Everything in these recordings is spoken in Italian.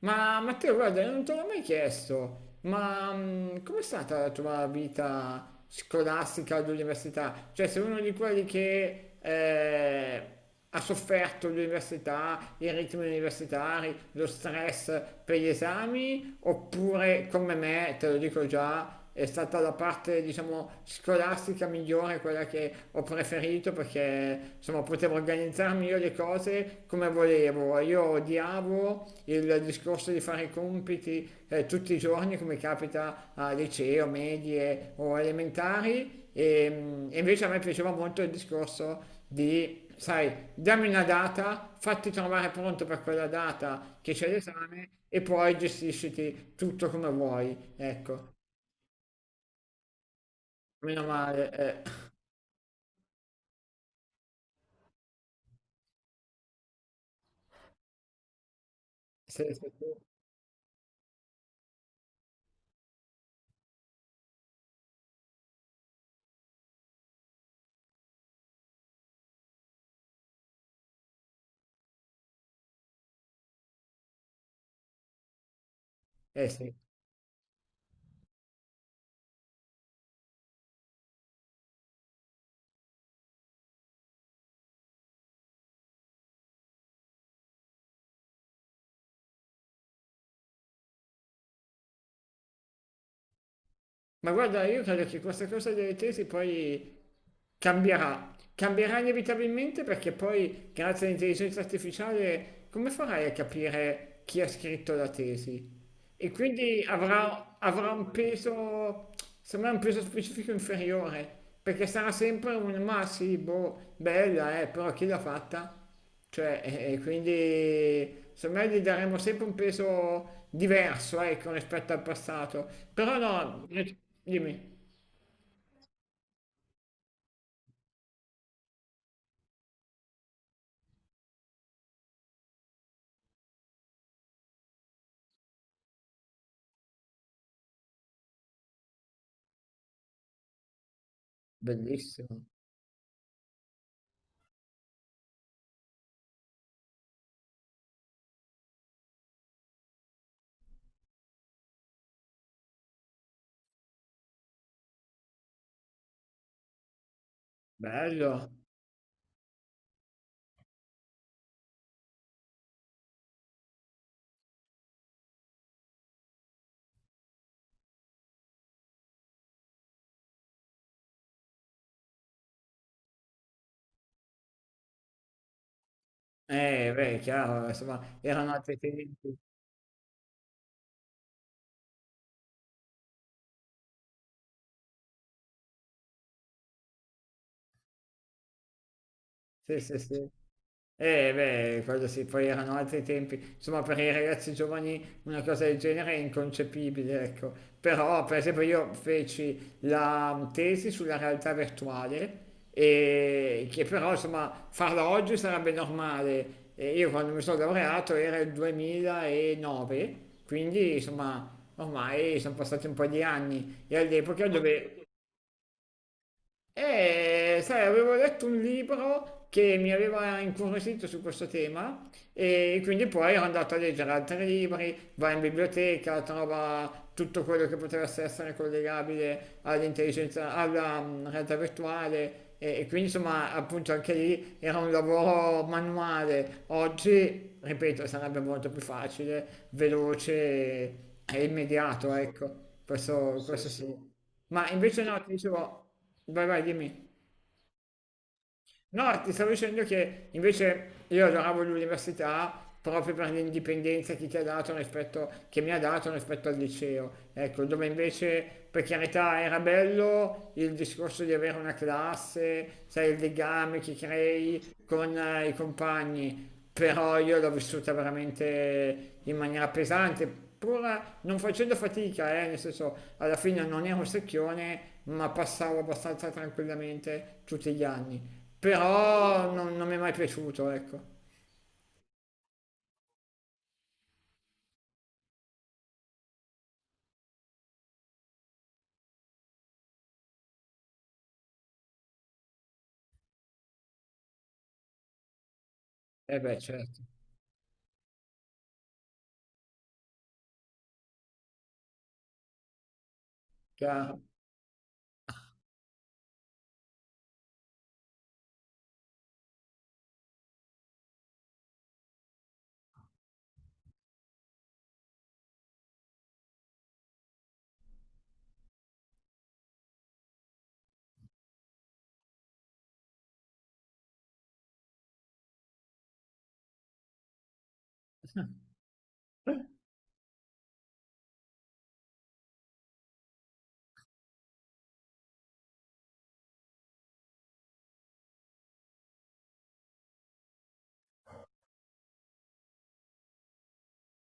Ma Matteo, guarda, non te l'ho mai chiesto, ma com'è stata la tua vita scolastica all'università? Cioè, sei uno di quelli che ha sofferto l'università, i ritmi universitari, lo stress per gli esami, oppure come me, te lo dico già, è stata la parte diciamo scolastica migliore, quella che ho preferito perché insomma potevo organizzarmi io le cose come volevo. Io odiavo il discorso di fare i compiti tutti i giorni come capita a liceo, medie o elementari e invece a me piaceva molto il discorso di, sai, dammi una data, fatti trovare pronto per quella data che c'è l'esame e poi gestisciti tutto come vuoi. Ecco. Meno male, eh. Sì, sì, sì. Sì. Ma guarda, io credo che questa cosa delle tesi poi cambierà inevitabilmente perché poi, grazie all'intelligenza artificiale, come farai a capire chi ha scritto la tesi? E quindi avrà un peso, secondo me, un peso specifico inferiore, perché sarà sempre un ma sì, boh, bella, però chi l'ha fatta? Cioè, e quindi secondo me gli daremo sempre un peso diverso, ecco, rispetto al passato. Però no, dimmi. Bellissimo, bello. Eh beh, è chiaro, insomma, erano altri tempi. Sì, sì, sì. Eh beh, quello sì, poi erano altri tempi. Insomma, per i ragazzi giovani una cosa del genere è inconcepibile, ecco. Però, per esempio, io feci la tesi sulla realtà virtuale e che però, insomma, farla oggi sarebbe normale. E io quando mi sono laureato era il 2009, quindi, insomma, ormai sono passati un po' di anni e all'epoca dove... E sai, avevo letto un libro che mi aveva incuriosito su questo tema e quindi poi ero andato a leggere altri libri, va in biblioteca, trova tutto quello che poteva essere collegabile all'intelligenza, alla realtà virtuale e quindi insomma appunto anche lì era un lavoro manuale. Oggi, ripeto, sarebbe molto più facile, veloce e immediato, ecco, questo. Sì, questo sì. Sì. Ma invece no, ti dicevo, vai vai, dimmi. No, ti stavo dicendo che invece io adoravo l'università proprio per l'indipendenza che ti ha dato rispetto, che mi ha dato rispetto al liceo. Ecco, dove invece, per carità, era bello il discorso di avere una classe, sai, il legame che crei con i compagni, però io l'ho vissuta veramente in maniera pesante, pur non facendo fatica, nel senso alla fine non ero secchione, ma passavo abbastanza tranquillamente tutti gli anni. Però non mi è mai piaciuto, ecco. Eh beh, certo, chiaro.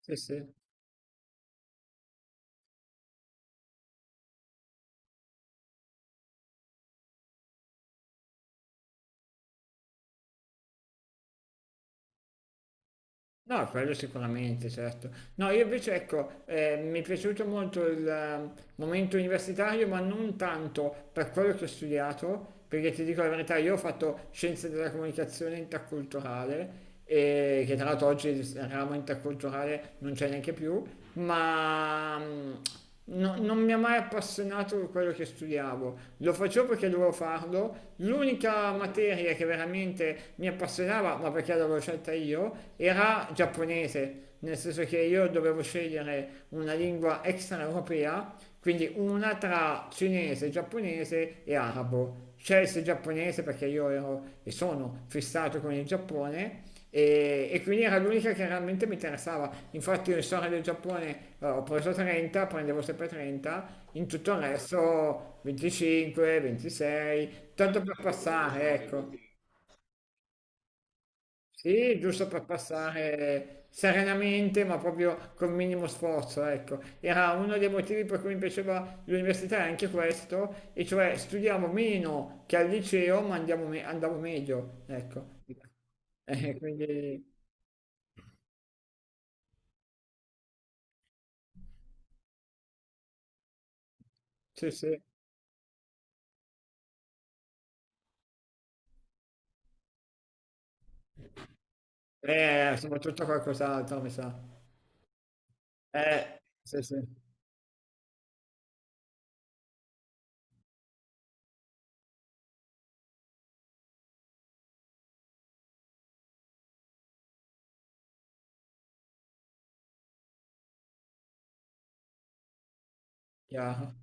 Sì, sì. No, quello sicuramente, certo. No, io invece ecco, mi è piaciuto molto il momento universitario, ma non tanto per quello che ho studiato, perché ti dico la verità, io ho fatto scienze della comunicazione interculturale, e che tra l'altro oggi il ramo interculturale non c'è neanche più, ma non mi ha mai appassionato quello che studiavo, lo facevo perché dovevo farlo, l'unica materia che veramente mi appassionava, ma perché l'avevo scelta io, era giapponese, nel senso che io dovevo scegliere una lingua extraeuropea, quindi una tra cinese, giapponese e arabo. Scelse il giapponese perché io ero e sono fissato con il Giappone e quindi era l'unica che realmente mi interessava. Infatti io in storia del Giappone ho preso 30, prendevo sempre 30, in tutto il resto 25, 26, tanto per passare, ecco. Sì, giusto per passare serenamente, ma proprio col minimo sforzo, ecco. Era uno dei motivi per cui mi piaceva l'università, è anche questo, e cioè studiamo meno che al liceo, ma andavo meglio, ecco. Quindi sì, sì. Soprattutto qualcos'altro, mi sa. Eh, sì, sì, chiaro.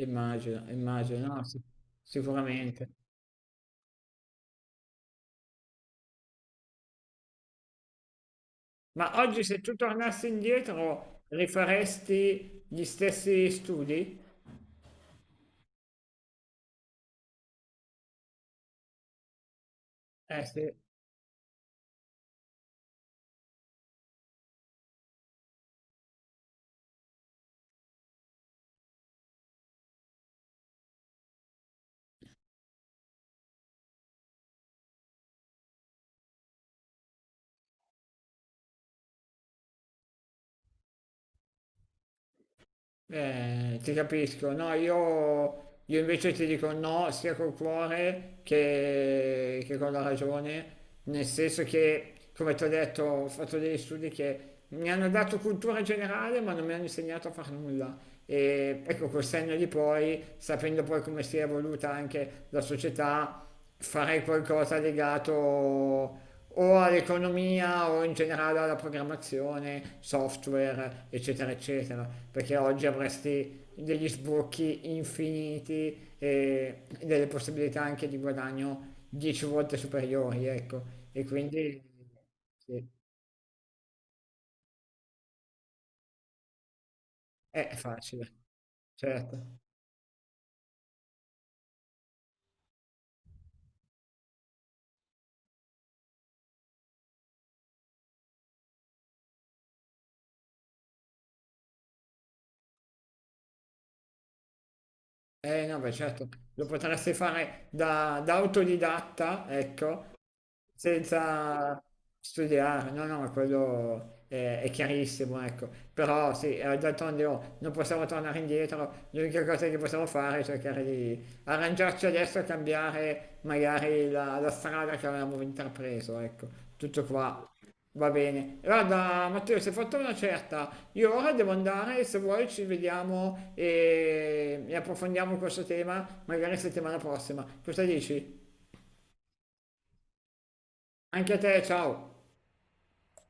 Immagino, immagino, no, sì, sicuramente. Ma oggi se tu tornassi indietro, rifaresti gli stessi studi? Eh sì. Ti capisco, no, io invece ti dico no sia col cuore che con la ragione, nel senso che, come ti ho detto, ho fatto degli studi che mi hanno dato cultura generale ma non mi hanno insegnato a far nulla. E ecco, col senno di poi, sapendo poi come si è evoluta anche la società, farei qualcosa legato o all'economia o in generale alla programmazione, software, eccetera, eccetera, perché oggi avresti degli sbocchi infiniti e delle possibilità anche di guadagno 10 volte superiori, ecco, e quindi sì, è facile, certo. Eh no, beh, certo, lo potresti fare da autodidatta, ecco, senza studiare, no, no, ma quello è chiarissimo, ecco. Però sì, d'altronde oh, non possiamo tornare indietro, l'unica cosa che possiamo fare è cercare di arrangiarci adesso e cambiare magari la strada che avevamo intrapreso, ecco. Tutto qua. Va bene. Guarda, Matteo, si è fatta una certa. Io ora devo andare, se vuoi ci vediamo e approfondiamo questo tema, magari settimana prossima. Cosa dici? Anche a te, ciao.